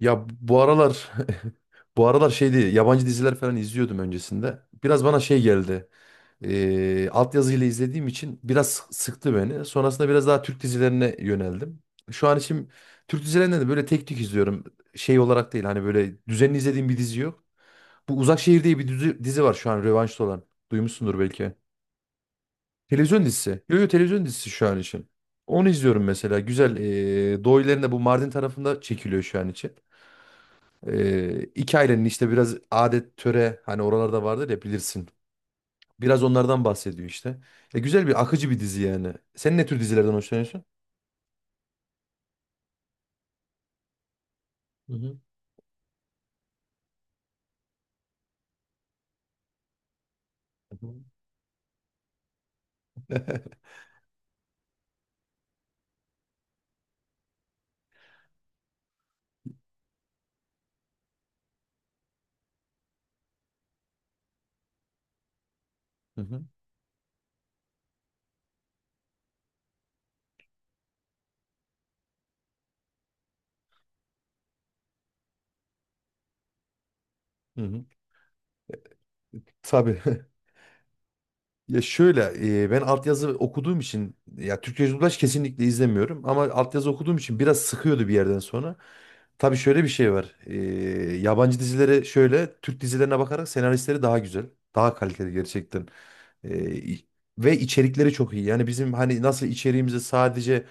Ya bu aralar bu aralar şeydi yabancı diziler falan izliyordum öncesinde. Biraz bana şey geldi. Altyazıyla izlediğim için biraz sıktı beni. Sonrasında biraz daha Türk dizilerine yöneldim. Şu an için Türk dizilerinde de böyle tek tük izliyorum. Şey olarak değil hani böyle düzenli izlediğim bir dizi yok. Bu Uzak Şehir diye bir dizi var şu an revanşta olan. Duymuşsundur belki. Televizyon dizisi. Yo yo, televizyon dizisi şu an için. Onu izliyorum mesela. Güzel. Doğu ilerinde bu Mardin tarafında çekiliyor şu an için. İki ailenin işte biraz adet töre hani oralarda vardır ya bilirsin. Biraz onlardan bahsediyor işte. Güzel bir akıcı bir dizi yani. Sen ne tür dizilerden hoşlanıyorsun? Hı hı. Hı hı. Hı hı. Hı hı. Tabii. Ya şöyle ben altyazı okuduğum için ya Türkçe dublaj kesinlikle izlemiyorum ama altyazı okuduğum için biraz sıkıyordu bir yerden sonra. Tabii şöyle bir şey var. Yabancı dizilere şöyle Türk dizilerine bakarak senaristleri daha güzel, daha kaliteli gerçekten. E, i- Ve içerikleri çok iyi. Yani bizim hani nasıl içeriğimizde sadece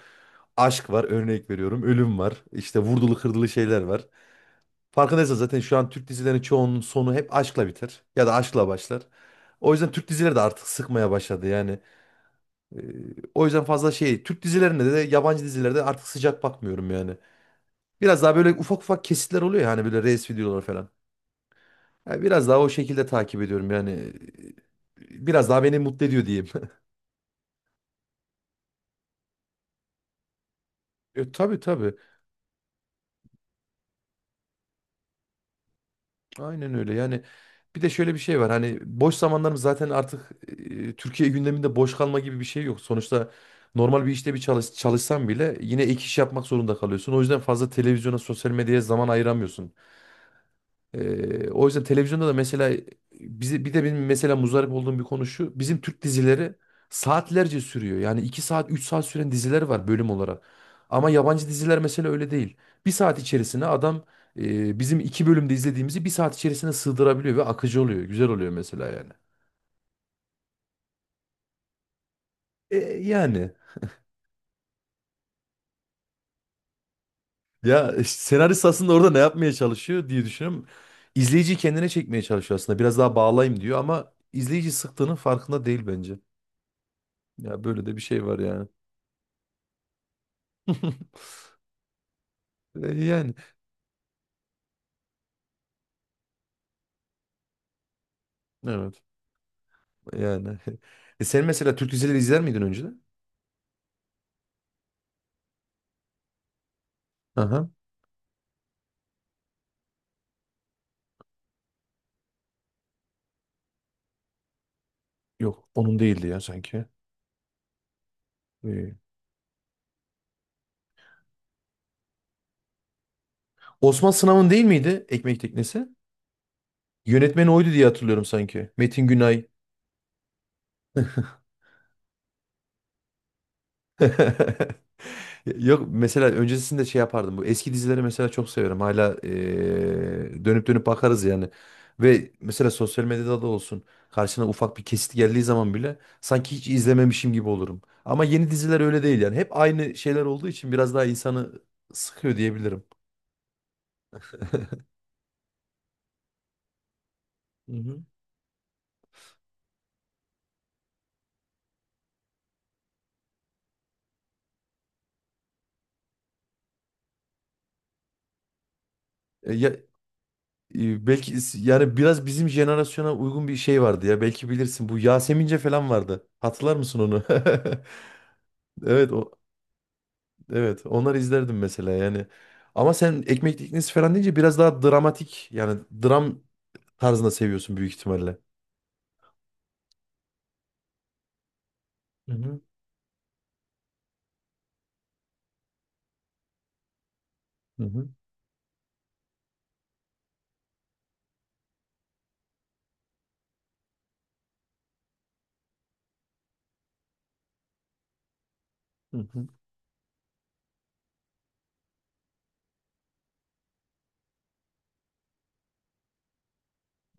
aşk var örnek veriyorum, ölüm var, işte vurdulu kırdılı şeyler var. Farkındaysan zaten şu an Türk dizilerinin çoğunun sonu hep aşkla biter ya da aşkla başlar. O yüzden Türk dizileri de artık sıkmaya başladı yani. Ee, O yüzden fazla şey Türk dizilerinde de yabancı dizilerde artık sıcak bakmıyorum yani. Biraz daha böyle ufak ufak kesitler oluyor ya hani böyle reels videoları falan. Yani biraz daha o şekilde takip ediyorum yani. Biraz daha beni mutlu ediyor diyeyim. Tabii tabii. Aynen öyle. Yani bir de şöyle bir şey var. Hani boş zamanlarımız zaten artık Türkiye gündeminde boş kalma gibi bir şey yok. Sonuçta normal bir işte bir çalışsan bile yine ek iş yapmak zorunda kalıyorsun. O yüzden fazla televizyona, sosyal medyaya zaman ayıramıyorsun. O yüzden televizyonda da mesela bizi bir de benim mesela muzdarip olduğum bir konu şu. Bizim Türk dizileri saatlerce sürüyor. Yani 2 saat 3 saat süren diziler var bölüm olarak. Ama yabancı diziler mesela öyle değil. Bir saat içerisine adam bizim iki bölümde izlediğimizi bir saat içerisine sığdırabiliyor ve akıcı oluyor. Güzel oluyor mesela yani. E, yani ya işte senarist aslında orada ne yapmaya çalışıyor diye düşünüyorum. İzleyici kendine çekmeye çalışıyor aslında. Biraz daha bağlayayım diyor ama izleyici sıktığının farkında değil bence. Ya böyle de bir şey var yani. Yani evet yani. E sen mesela Türk dizileri izler miydin önceden? Aha. Yok onun değildi ya sanki. İyi. Osman Sınav'ın değil miydi Ekmek Teknesi? Yönetmeni oydu diye hatırlıyorum sanki. Metin Günay. Yok mesela öncesinde şey yapardım. Bu eski dizileri mesela çok seviyorum. Hala dönüp dönüp bakarız yani. Ve mesela sosyal medyada da olsun karşına ufak bir kesit geldiği zaman bile sanki hiç izlememişim gibi olurum. Ama yeni diziler öyle değil yani. Hep aynı şeyler olduğu için biraz daha insanı sıkıyor diyebilirim. Hı hı. E, ya Belki is- yani biraz bizim jenerasyona uygun bir şey vardı ya. Belki bilirsin bu Yasemince falan vardı. Hatırlar mısın onu? Evet o. Evet, onları izlerdim mesela yani. Ama sen Ekmek Teknesi falan deyince biraz daha dramatik yani dram tarzında seviyorsun büyük ihtimalle. Hı hı, hı hı, hı hı.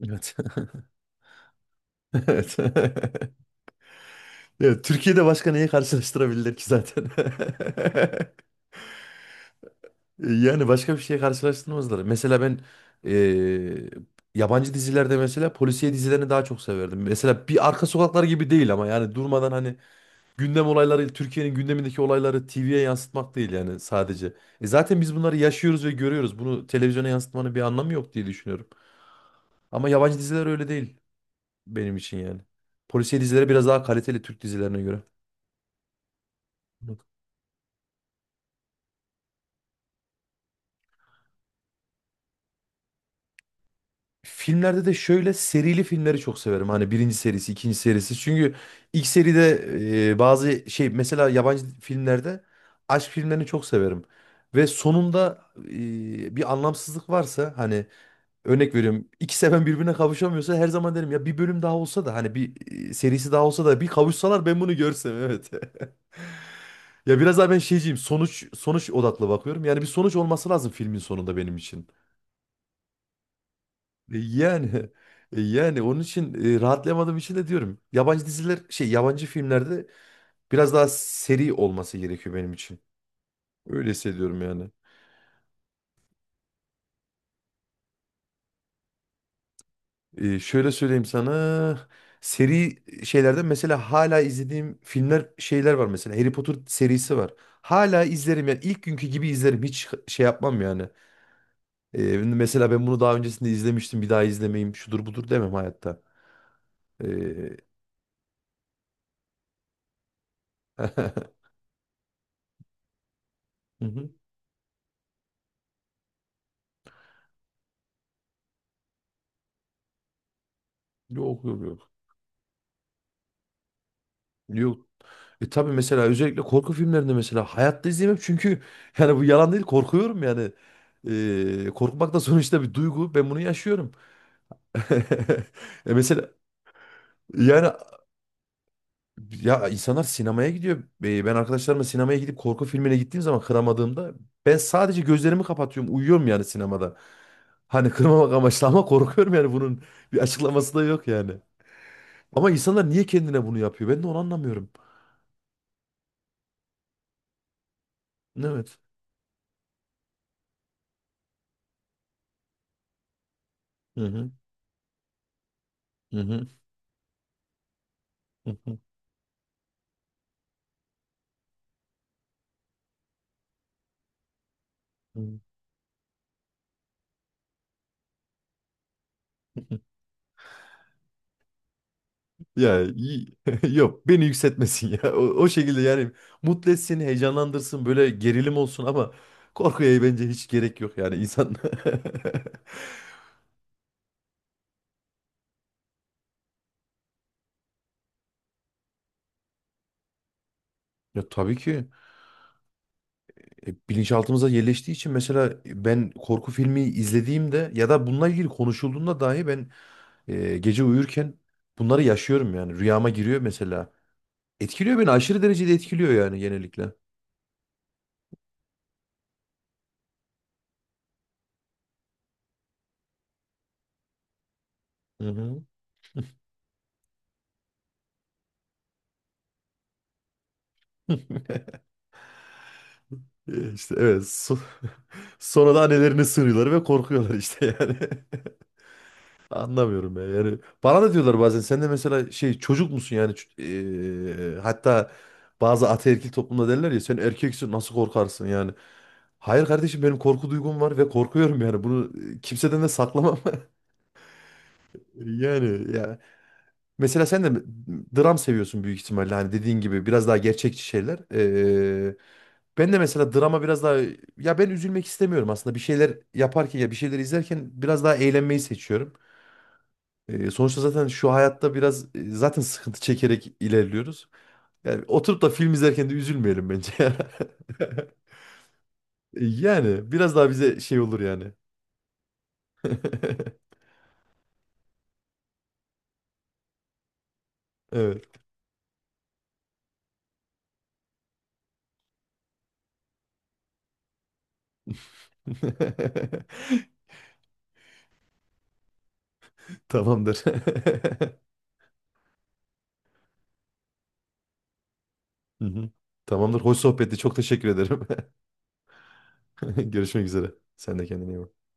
Evet. Evet. Ya, Türkiye'de başka neyi karşılaştırabilirler ki zaten? Yani başka bir şeye karşılaştırmazlar. Mesela ben eee, yabancı dizilerde mesela polisiye dizilerini daha çok severdim. Mesela bir Arka Sokaklar gibi değil ama yani durmadan hani gündem olayları, Türkiye'nin gündemindeki olayları TV'ye yansıtmak değil yani sadece. E zaten biz bunları yaşıyoruz ve görüyoruz. Bunu televizyona yansıtmanın bir anlamı yok diye düşünüyorum. Ama yabancı diziler öyle değil benim için yani. Polisiye dizileri biraz daha kaliteli Türk dizilerine göre. Filmlerde de şöyle serili filmleri çok severim. Hani birinci serisi, ikinci serisi. Çünkü ilk seride bazı şey mesela yabancı filmlerde aşk filmlerini çok severim. Ve sonunda bir anlamsızlık varsa hani örnek veriyorum. İki seven birbirine kavuşamıyorsa her zaman derim ya bir bölüm daha olsa da hani bir serisi daha olsa da bir kavuşsalar ben bunu görsem evet. Ya biraz daha ben şeyciyim. Sonuç odaklı bakıyorum. Yani bir sonuç olması lazım filmin sonunda benim için. E, Yani yani onun için rahatlayamadığım için de diyorum. Yabancı diziler şey yabancı filmlerde biraz daha seri olması gerekiyor benim için. Öyle hissediyorum yani. Şöyle söyleyeyim sana. Seri şeylerden mesela hala izlediğim filmler şeyler var mesela. Harry Potter serisi var. Hala izlerim yani ilk günkü gibi izlerim. Hiç şey yapmam yani. Mesela ben bunu daha öncesinde izlemiştim. Bir daha izlemeyeyim. Şudur budur demem hayatta. Ee, hı hı. Yok yok yok. Yok. E tabii mesela özellikle korku filmlerinde mesela hayatta izleyemem çünkü yani bu yalan değil korkuyorum yani. Korkmak da sonuçta bir duygu. Ben bunu yaşıyorum. E mesela Yani ya insanlar sinemaya gidiyor. Ben arkadaşlarımla sinemaya gidip korku filmine gittiğim zaman kıramadığımda ben sadece gözlerimi kapatıyorum. Uyuyorum yani sinemada. Hani kırmamak amaçlı ama korkuyorum yani bunun bir açıklaması da yok yani. Ama insanlar niye kendine bunu yapıyor? Ben de onu anlamıyorum. Evet. Hı hı. Hı hı. Hı hı. Hı hı. Ya iyi. yok beni yükseltmesin ya. O şekilde yani mutlu etsin, heyecanlandırsın, böyle gerilim olsun ama korkuya bence hiç gerek yok yani insan. Ya tabii ki bilinçaltımıza yerleştiği için mesela ben korku filmi izlediğimde ya da bununla ilgili konuşulduğunda dahi ben gece uyurken bunları yaşıyorum yani rüyama giriyor mesela. Etkiliyor beni aşırı derecede etkiliyor yani genellikle. Hı hı. E, İşte evet so- sonra da annelerine sığınıyorlar ve korkuyorlar işte yani. Anlamıyorum ya. Yani bana da diyorlar bazen sen de mesela şey çocuk musun yani hatta bazı ataerkil toplumda derler ya sen erkeksin nasıl korkarsın yani. Hayır kardeşim benim korku duygum var ve korkuyorum yani bunu kimseden de saklamam. Yani ya mesela sen de dram seviyorsun büyük ihtimalle hani dediğin gibi biraz daha gerçekçi şeyler. Ben de mesela drama biraz daha ya ben üzülmek istemiyorum aslında bir şeyler yaparken ya bir şeyler izlerken biraz daha eğlenmeyi seçiyorum. Sonuçta zaten şu hayatta biraz zaten sıkıntı çekerek ilerliyoruz. Yani oturup da film izlerken de üzülmeyelim bence. Yani biraz daha bize şey olur yani. Evet. Tamamdır. Hı hı. Tamamdır. Hoş sohbetti. Çok teşekkür ederim. Görüşmek üzere. Sen de kendine iyi bak.